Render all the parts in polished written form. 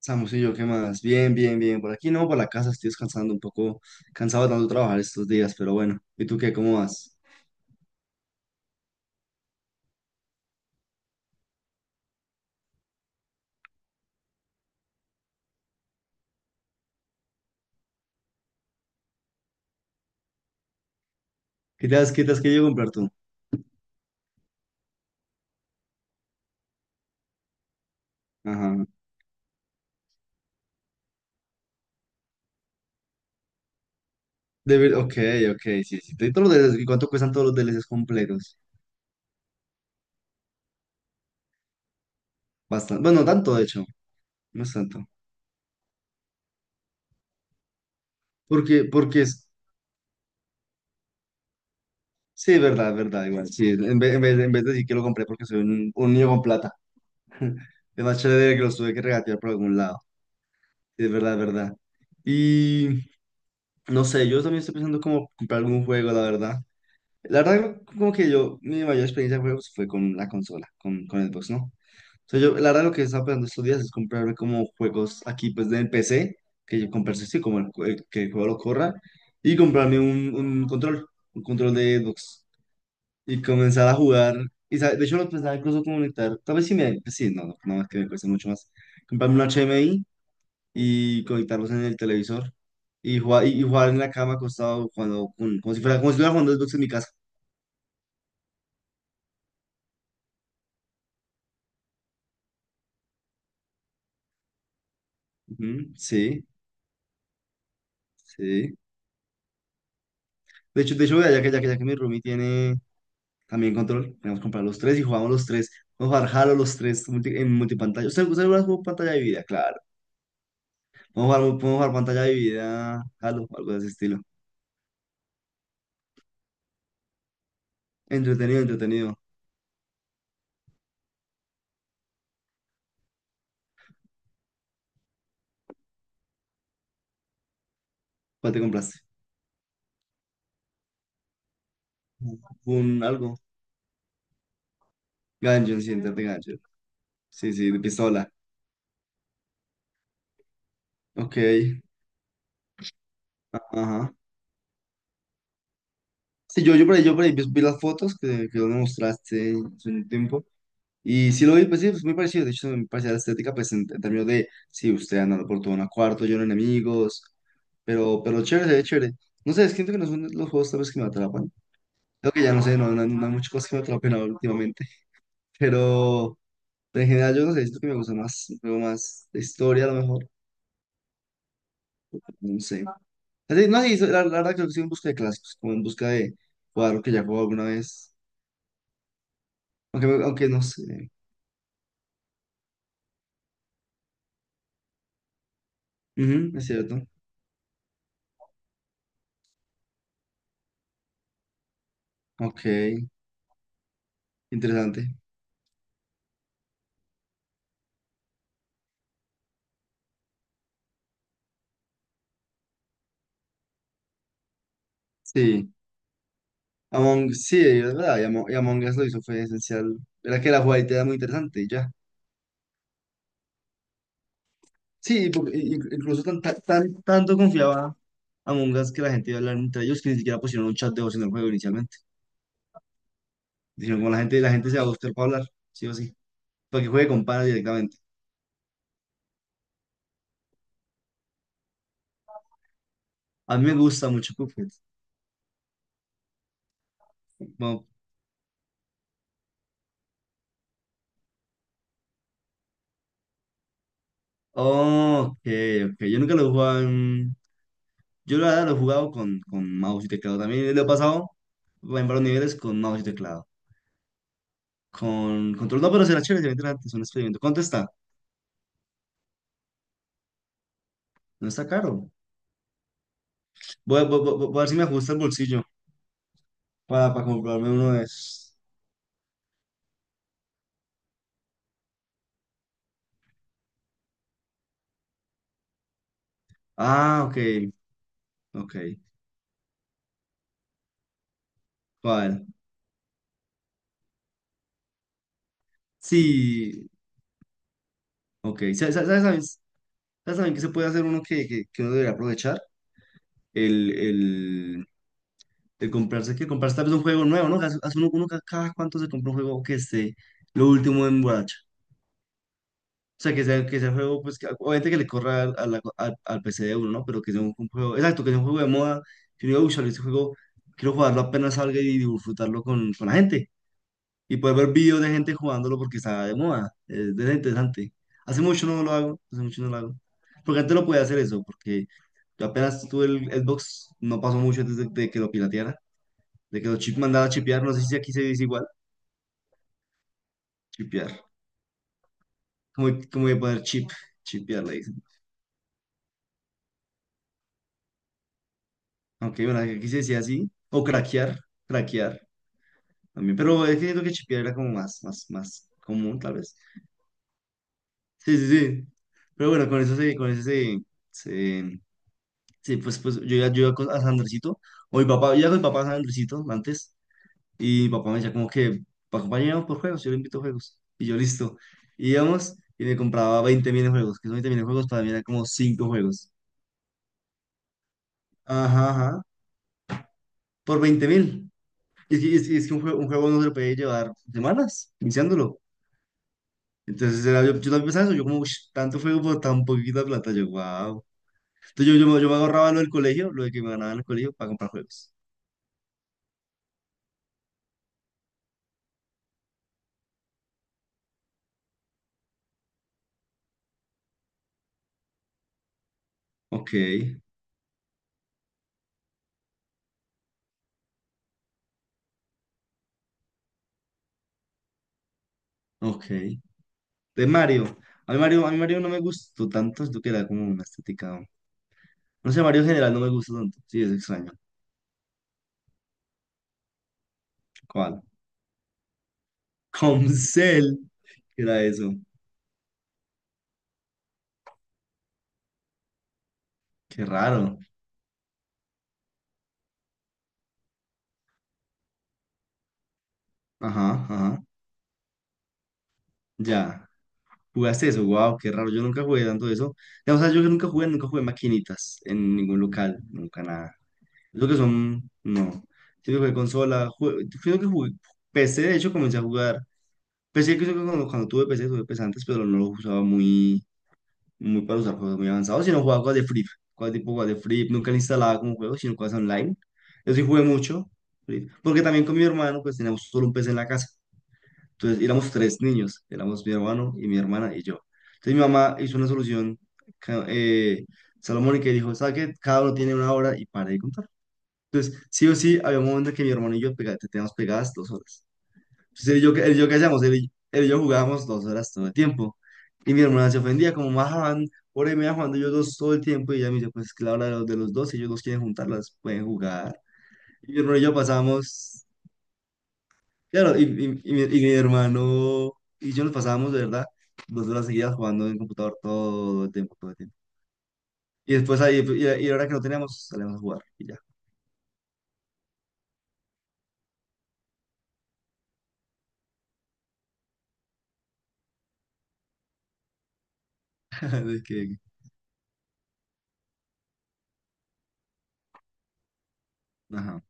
Samusillo, ¿qué más? Bien, bien, bien. Por aquí no, por la casa estoy descansando un poco, cansado de tanto trabajar estos días, pero bueno. ¿Y tú qué? ¿Cómo vas? ¿¿Qué te has querido comprar tú? Ajá. Ok, ok, sí, sí. Todos los DLCs, ¿cuánto cuestan todos los DLCs completos? Bastante. Bueno, no tanto, de hecho. No es tanto. Porque es... Sí, es verdad, igual. Sí, en vez de decir que lo compré porque soy un niño con plata. Es más chévere que los tuve que regatear por algún lado. Sí, es verdad, es verdad. Y... No sé, yo también estoy pensando como comprar algún juego, la verdad. La verdad, como que yo, mi mayor experiencia de juegos fue con la consola, con Xbox, ¿no? Entonces yo, la verdad, lo que estaba pensando estos días es comprarme como juegos aquí, pues, del PC, que yo comprarse sí, como el, el que el juego lo corra, y comprarme un control, un control de Xbox, y comenzar a jugar. Y, de hecho, lo pensaba incluso conectar, tal vez si me, pues, sí, no, es que me cuesta mucho más. Comprarme un HDMI y conectarlos en el televisor, y jugar, y jugar en la cama acostado, cuando, como si fuera, como si estuviera jugando Xbox en mi casa. Ujú. Sí, sí. De hecho, vea, ya que mi roomie tiene también control, podemos comprar los tres y jugamos los tres. Vamos a jugar Halo los tres en multipantalla. ¿Usted alguna vez jugó pantalla dividida? Claro. Vamos a jugar, podemos jugar pantalla dividida, Halo, algo de ese estilo. Entretenido, entretenido. ¿Cuál te compraste? Un algo. Ganjon, sí, de Ganjon. Sí, sí, de pistola. Ok. Ajá. Sí, yo, yo por ahí vi las fotos que vos me mostraste hace un tiempo. Y sí lo vi, pues sí, pues muy parecido. De hecho, me parece la estética, pues en términos de, sí, usted andando por todo un cuarto, lleno de enemigos, pero chévere, se ve chévere. No sé, siento que no son los juegos tal vez que me atrapan. Creo que ya no sé, no hay muchas cosas que me atrapen ahora últimamente. Pero, pero en general yo no sé, siento que me gusta más, un juego más de historia a lo mejor, no sé. Así, no, sí, la verdad creo que sí en busca de clásicos, como en busca de jugar lo que ya jugado alguna vez. Aunque, aunque no sé. Ujú, es cierto. Ok, interesante. Sí. Among, sí, es verdad, y Among Us lo hizo, fue esencial. Era que la jugabilidad era muy interesante y ya. Sí, porque incluso tan, tan, tanto confiaba Among Us que la gente iba a hablar entre ellos que ni siquiera pusieron un chat de voz en el juego inicialmente. Dijeron, como la gente se va a gustar para hablar, sí o sí. Para que juegue con panas directamente. A mí me gusta mucho Cuphead. Como, ok, ok. Yo nunca lo he jugado en... Yo la verdad lo he jugado con mouse y teclado. También lo he pasado en varios niveles con mouse y teclado. Con control, no, pero será chévere, será interesante, es un experimento. ¿Cuánto está? No está caro. Voy a, voy a ver si me ajusta el bolsillo para comprarme uno de esos. Ah, ok, ok. ¿Cuál? Sí, ok. ¿Sabes también que se puede hacer uno que uno debería aprovechar? El, el, el comprarse, que comprarse tal vez un juego nuevo, ¿no? Hace uno, cada cuánto se compra un juego que esté lo último en borracha. O sea, que sea, que sea un juego, pues, obviamente que le corra al, al, al PC de uno, ¿no? Pero que sea un juego, exacto, que sea un juego de moda. Que yo digo, "Ush, este juego quiero jugarlo apenas salga y disfrutarlo con la gente. Y poder ver videos de gente jugándolo porque está de moda. Es interesante. Hace mucho no lo hago, hace mucho no lo hago. Porque antes lo podía hacer eso, porque yo apenas tuve el Xbox, no pasó mucho antes de que lo pirateara, de que lo chip mandaba a chipear, no sé si aquí se dice igual, chipear. Como, como de poner chip, chipear, le dicen. Aunque bueno, aquí se decía así. O craquear, craquear también. Pero es que siento que chipear era como más, más, más común, tal vez. Sí, sí, sí. Pero bueno, con eso se, se- sí, pues, pues yo ya yo iba a Sandricito. O mi papá, yo iba con mi papá a Sandricito antes. Y mi papá me decía como que, acompañamos por juegos, yo le invito a juegos. Y yo listo. Y íbamos y me compraba 20 mil juegos, que son 20 mil juegos, para mí eran como 5 juegos. Ajá, ajá. Por 20 mil. Es que, es, que es que un juego no se lo puede llevar semanas, iniciándolo. Yo, yo también pensaba eso, yo como, "Ush, tanto fuego por tan poquita plata, yo, wow. Entonces yo, yo me ahorraba lo del colegio, lo de que me ganaba en el colegio para comprar juegos. Ok, ok. De Mario, a mí Mario, a mí Mario no me gustó tanto, siento que era como una estética, no sé, Mario en general no me gusta tanto, sí, es extraño. ¿Cuál? Comcel, ¿qué era eso? Qué raro. Ajá, ajá, ya. ¿Jugaste eso? Wow, qué raro, yo nunca jugué tanto eso. O sea, yo nunca jugué, nunca jugué maquinitas en ningún local, nunca nada. Creo que son, no. Siento que consola, creo que jugué PC, de hecho comencé a jugar. PC creo que cuando, cuando tuve PC, tuve PC antes, pero no lo usaba muy, muy para usar juegos muy avanzados, sino jugaba cosas de Free, cosas tipo cosas de Free, nunca le instalaba como juego, sino cosas online. Yo sí jugué mucho, Free, porque también con mi hermano pues teníamos solo un PC en la casa. Entonces éramos tres niños, éramos mi hermano y mi hermana y yo. Entonces mi mamá hizo una solución ca- eh, Salomón y que dijo, ¿sabes qué? Cada uno tiene 1 hora y para de contar. Entonces, sí o sí, había un momento que mi hermano y yo te teníamos pegadas 2 horas. Entonces, él y yo, él y yo, ¿qué hacíamos? Él y yo jugábamos 2 horas todo el tiempo. Y mi hermana se ofendía, como bajaban, por ahí me iban jugando yo dos todo el tiempo. Y ella me dice, pues es que la hora de los dos, si ellos dos quieren juntarlas, pueden jugar. Y mi hermano y yo pasábamos, claro, y mi hermano y yo nos pasábamos, de verdad, 2 horas seguidas jugando en computador todo el tiempo, todo el tiempo. Y después ahí, ahora que no teníamos, salíamos a jugar y ya. Así que, ajá.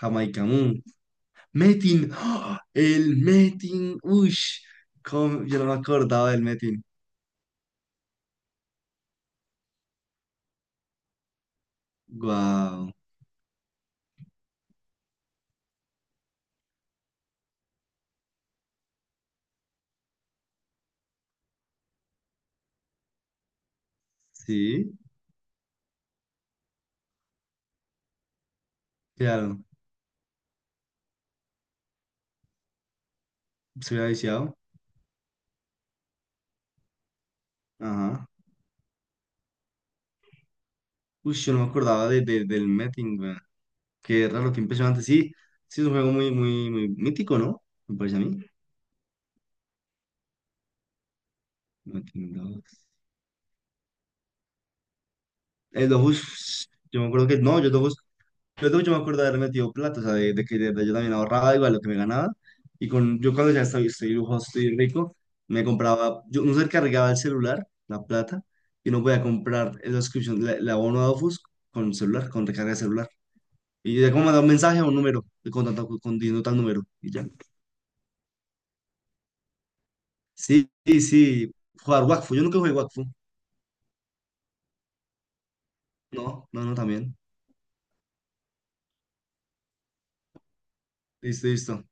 Jamaica Metin, ¡ah! El Metin, uy, cómo, yo no me acordaba del Metin. Wow, sí, claro, se había viciado. Ajá, uy, yo no me acordaba de, del Metin, weón. Qué raro, qué impresionante. Sí, sí, es un juego muy, muy, muy mítico, ¿no? Me parece a mí. Metin 2. El Dofus, yo me acuerdo que no, yo pero luego yo me acuerdo de haber metido plata, o sea, de que de verdad yo también ahorraba igual lo que me ganaba. Y con, yo cuando ya estoy, estoy lujoso, estoy rico, me compraba, yo no se cargaba el celular, la plata, y no podía comprar la subscription, la, el abono de Dofus con celular, con recarga de celular. Y yo ya como mandaba un mensaje a un número, y con tanto, con diciendo tal número, y ya. Sí, sí, sí, jugar Wakfu, yo nunca jugué Wakfu. No, no, no, también. Listo, listo.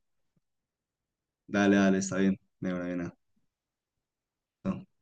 Dale, dale, está bien. De verdad, bien.